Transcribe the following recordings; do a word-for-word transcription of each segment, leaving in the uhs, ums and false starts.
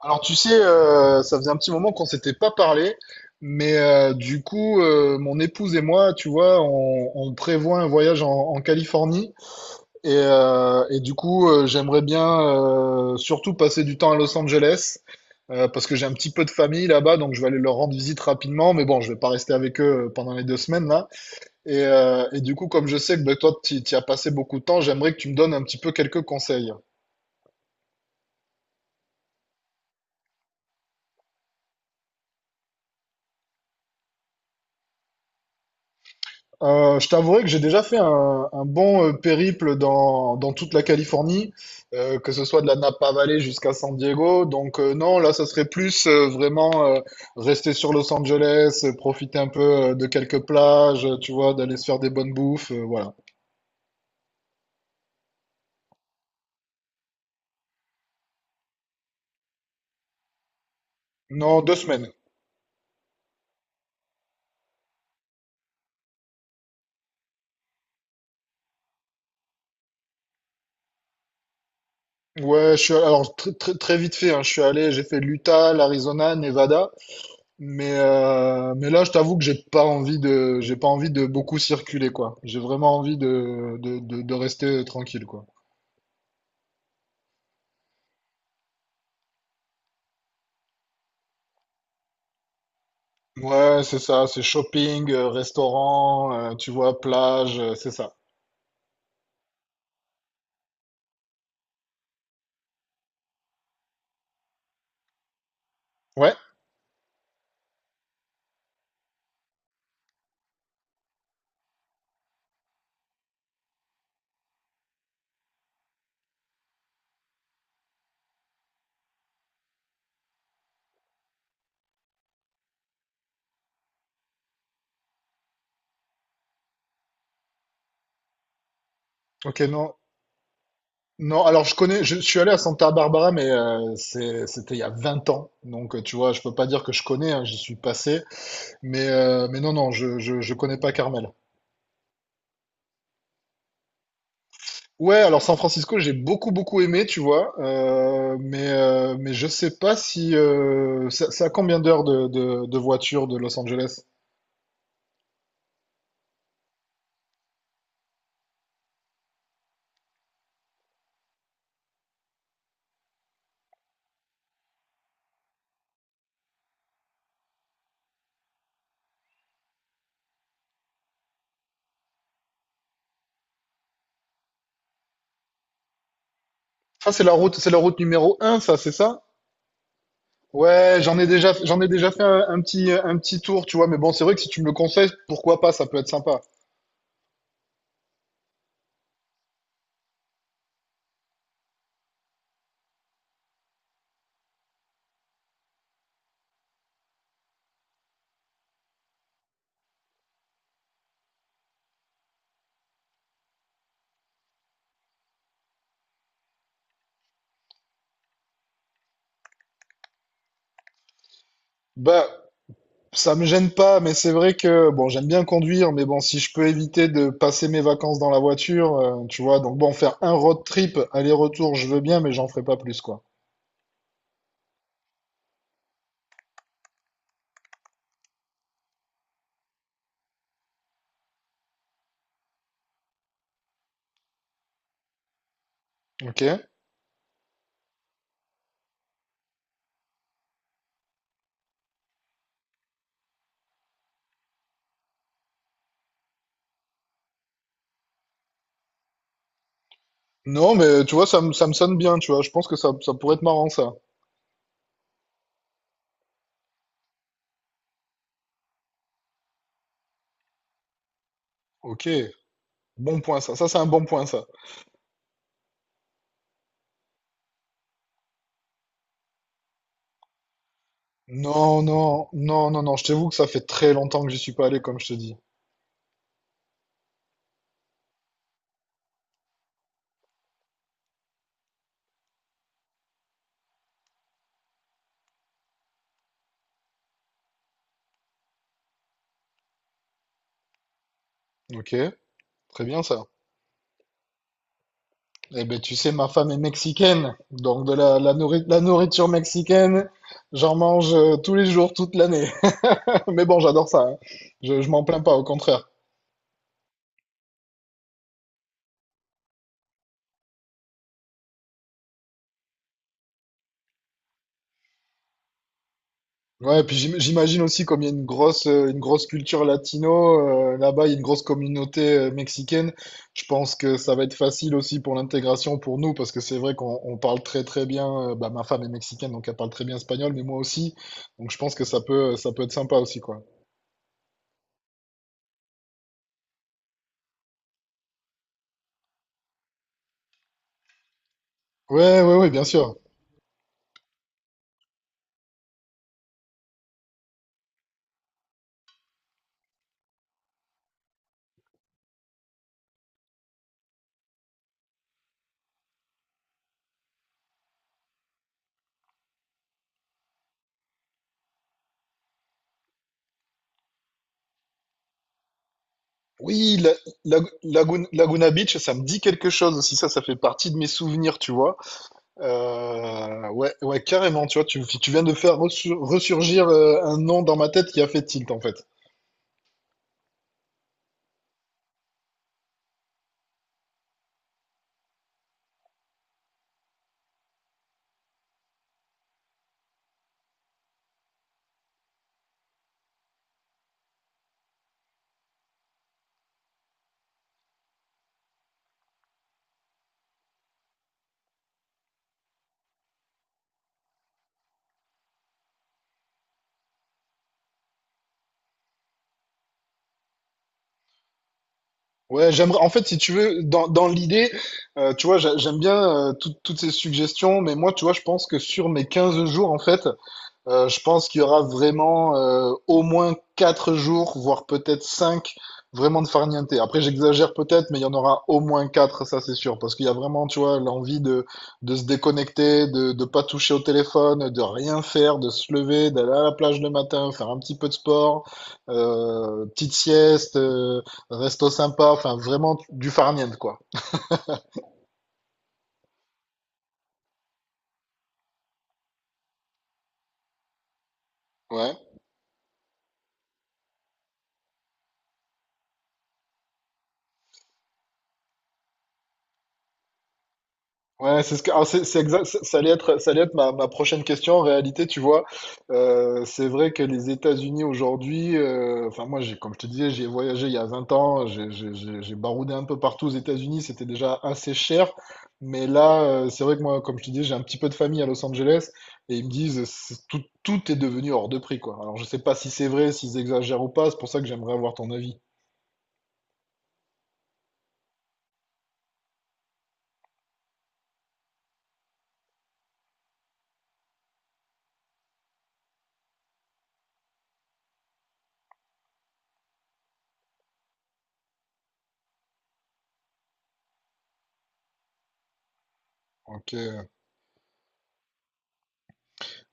Alors tu sais, euh, ça faisait un petit moment qu'on s'était pas parlé, mais euh, du coup, euh, mon épouse et moi, tu vois, on, on prévoit un voyage en, en Californie et, euh, et du coup, euh, j'aimerais bien euh, surtout passer du temps à Los Angeles euh, parce que j'ai un petit peu de famille là-bas, donc je vais aller leur rendre visite rapidement, mais bon, je vais pas rester avec eux euh, pendant les deux semaines là. Et, euh, et du coup, comme je sais que ben, toi, tu y as passé beaucoup de temps, j'aimerais que tu me donnes un petit peu quelques conseils. Euh, je t'avouerai que j'ai déjà fait un, un bon euh, périple dans, dans toute la Californie, euh, que ce soit de la Napa Valley jusqu'à San Diego. Donc euh, non, là, ça serait plus euh, vraiment euh, rester sur Los Angeles, euh, profiter un peu euh, de quelques plages, euh, tu vois, d'aller se faire des bonnes bouffes, euh, voilà. Non, deux semaines. Ouais, je suis alors très, très, très vite fait, hein, je suis allé, j'ai fait l'Utah, l'Arizona, Nevada. Mais, euh, mais là, je t'avoue que j'ai pas envie de, j'ai pas envie de beaucoup circuler, quoi. J'ai vraiment envie de, de, de, de rester tranquille, quoi. Ouais, c'est ça, c'est shopping, euh, restaurant, euh, tu vois, plage, euh, c'est ça. Ouais, ok, non. Non, alors je connais, je, suis allé à Santa Barbara, mais euh, c'est- c'était il y a vingt ans. Donc, euh, tu vois, je peux pas dire que je connais, hein, j'y suis passé. Mais, euh, mais non, non, je, je, je connais pas Carmel. Ouais, alors San Francisco, j'ai beaucoup beaucoup aimé, tu vois, euh, mais euh, mais je sais pas si euh, ça- c'est à combien d'heures de, de, de voiture de Los Angeles? Ça c'est la route, c'est la route numéro un, ça, c'est ça? Ouais, j'en ai déjà j'en ai déjà fait un, un petit un petit tour, tu vois, mais bon, c'est vrai que si tu me le conseilles, pourquoi pas, ça peut être sympa. Bah, ça me gêne pas, mais c'est vrai que bon, j'aime bien conduire, mais bon, si je peux éviter de passer mes vacances dans la voiture, euh, tu vois, donc bon, faire un road trip aller-retour, je veux bien, mais j'en ferai pas plus, quoi. Ok? Non, mais tu vois, ça me, ça me sonne bien, tu vois. Je pense que ça, ça pourrait être marrant, ça. Ok, bon point, ça. Ça, c'est un bon point, ça. Non, non, non, non, non. Je t'avoue que ça fait très longtemps que j'y suis pas allé, comme je te dis. Ok, très bien, ça. Eh ben, tu sais, ma femme est mexicaine. Donc, de la, la, nourri- la nourriture mexicaine, j'en mange euh, tous les jours, toute l'année. Mais bon, j'adore ça, hein. Je, je m'en plains pas, au contraire. Ouais, puis j'im- j'imagine aussi comme il y a une grosse, euh, une grosse culture latino, euh, là-bas il y a une grosse communauté euh, mexicaine. Je pense que ça va être facile aussi pour l'intégration pour nous parce que c'est vrai qu'on on parle très très bien. Euh, bah, ma femme est mexicaine donc elle parle très bien espagnol, mais moi aussi. Donc je pense que ça peut, ça peut être sympa aussi quoi. Ouais, ouais, ouais, bien sûr. Oui, la, la- Lagun- Laguna Beach, ça me dit quelque chose aussi. Ça, ça fait partie de mes souvenirs, tu vois. Euh, ouais, ouais, carrément, tu vois, tu, tu viens de faire ressur- ressurgir euh, un nom dans ma tête qui a fait tilt, en fait. Ouais, j'aimerais, en fait, si tu veux, dans, dans l'idée, euh, tu vois, j'a- j'aime bien euh, tout- toutes ces suggestions, mais moi, tu vois, je pense que sur mes quinze jours, en fait, Euh, je pense qu'il y aura vraiment euh, au moins quatre jours, voire peut-être cinq, vraiment de farniente. Après, j'exagère peut-être, mais il y en aura au moins quatre, ça c'est sûr, parce qu'il y a vraiment, tu vois, l'envie de, de se déconnecter, de ne pas toucher au téléphone, de rien faire, de se lever, d'aller à la plage le matin, faire un petit peu de sport, euh, petite sieste, euh, resto sympa, enfin vraiment du farniente, quoi. Ouais. Ouais, c'est ce que, alors c'est, c'est exact, ça ça allait être, ça allait être ma, ma prochaine question. En réalité, tu vois, euh, c'est vrai que les États-Unis aujourd'hui, euh, enfin moi, j'ai, comme je te disais, j'y ai voyagé il y a vingt ans, j'ai j'ai- j'ai- j'ai baroudé un peu partout aux États-Unis, c'était déjà assez cher. Mais là, euh, c'est vrai que moi, comme je te disais, j'ai un petit peu de famille à Los Angeles et ils me disent, c'est- tout, tout est devenu hors de prix, quoi. Alors je sais pas si c'est vrai, s'ils exagèrent ou pas, c'est pour ça que j'aimerais avoir ton avis. Ok.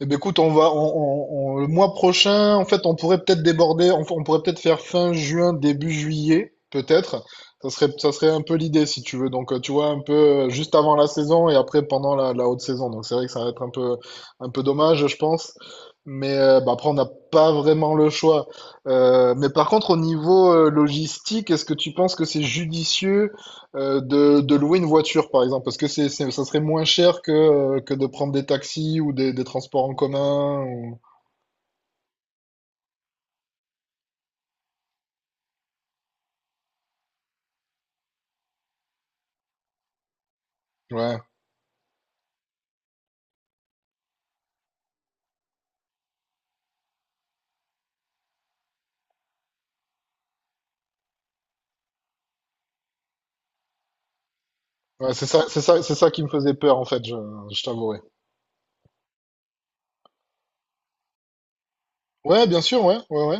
Eh ben, écoute, on va, on, on- on- le mois prochain, en fait, on pourrait peut-être déborder, on, on pourrait peut-être faire fin juin, début juillet, peut-être. Ça serait, ça serait un peu l'idée, si tu veux. Donc, euh, tu vois, un peu euh, juste avant la saison et après pendant la, la haute saison. Donc, c'est vrai que ça va être un peu, un peu dommage, je pense. Mais euh, bah, après, on n'a pas vraiment le choix. Euh, mais par contre, au niveau euh, logistique, est-ce que tu penses que c'est judicieux euh, de, de louer une voiture, par exemple, parce que c'est, c'est- ça serait moins cher que, euh, que de prendre des taxis ou des, des transports en commun. Ou ouais, ouais, c'est ça, c'est ça, c'est ça qui me faisait peur, en fait, je, je t'avouerai. Ouais, bien sûr, ouais, ouais, ouais.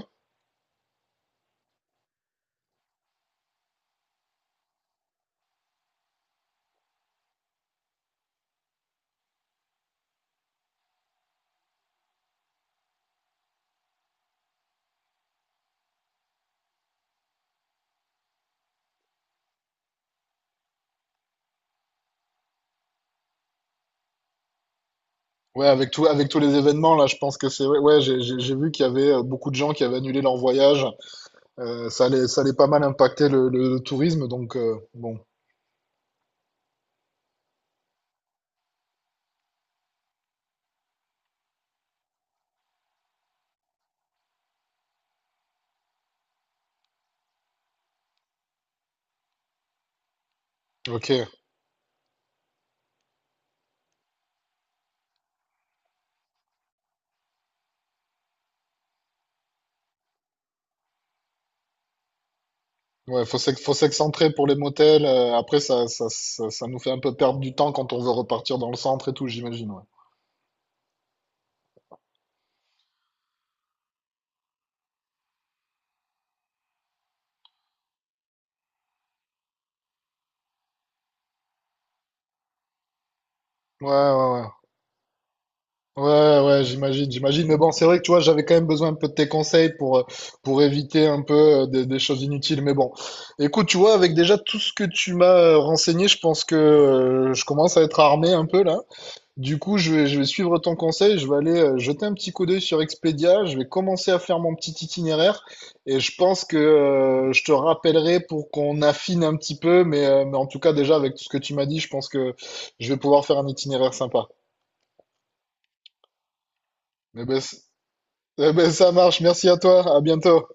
Ouais, avec tout, avec tous les événements, là, je pense que c'est... Ouais, ouais, j'ai, j'ai j'ai vu qu'il y avait euh, beaucoup de gens qui avaient annulé leur voyage. Euh, ça allait, ça allait pas mal impacter le, le tourisme, donc euh, bon, ok. Ouais, faut s'ex- faut s'excentrer pour les motels. Euh, après, ça, ça, ça, ça nous fait un peu perdre du temps quand on veut repartir dans le centre et tout, j'imagine. Ouais. Ouais, ouais, ouais. Ouais, ouais, ouais, j'imagine, j'imagine. Mais bon, c'est vrai que tu vois, j'avais quand même besoin un peu de tes conseils pour, euh, pour éviter un peu euh, des, des choses inutiles. Mais bon, écoute, tu vois, avec déjà tout ce que tu m'as euh, renseigné, je pense que euh, je commence à être armé un peu là. Du coup, je vais, je vais suivre ton conseil, je vais aller euh, jeter un petit coup d'œil sur Expedia, je vais commencer à faire mon petit itinéraire et je pense que euh, je te rappellerai pour qu'on affine un petit peu. Mais, euh, mais en tout cas, déjà, avec tout ce que tu m'as dit, je pense que je vais pouvoir faire un itinéraire sympa. Mais ben, Eh ben, ça marche. Merci à toi. À bientôt.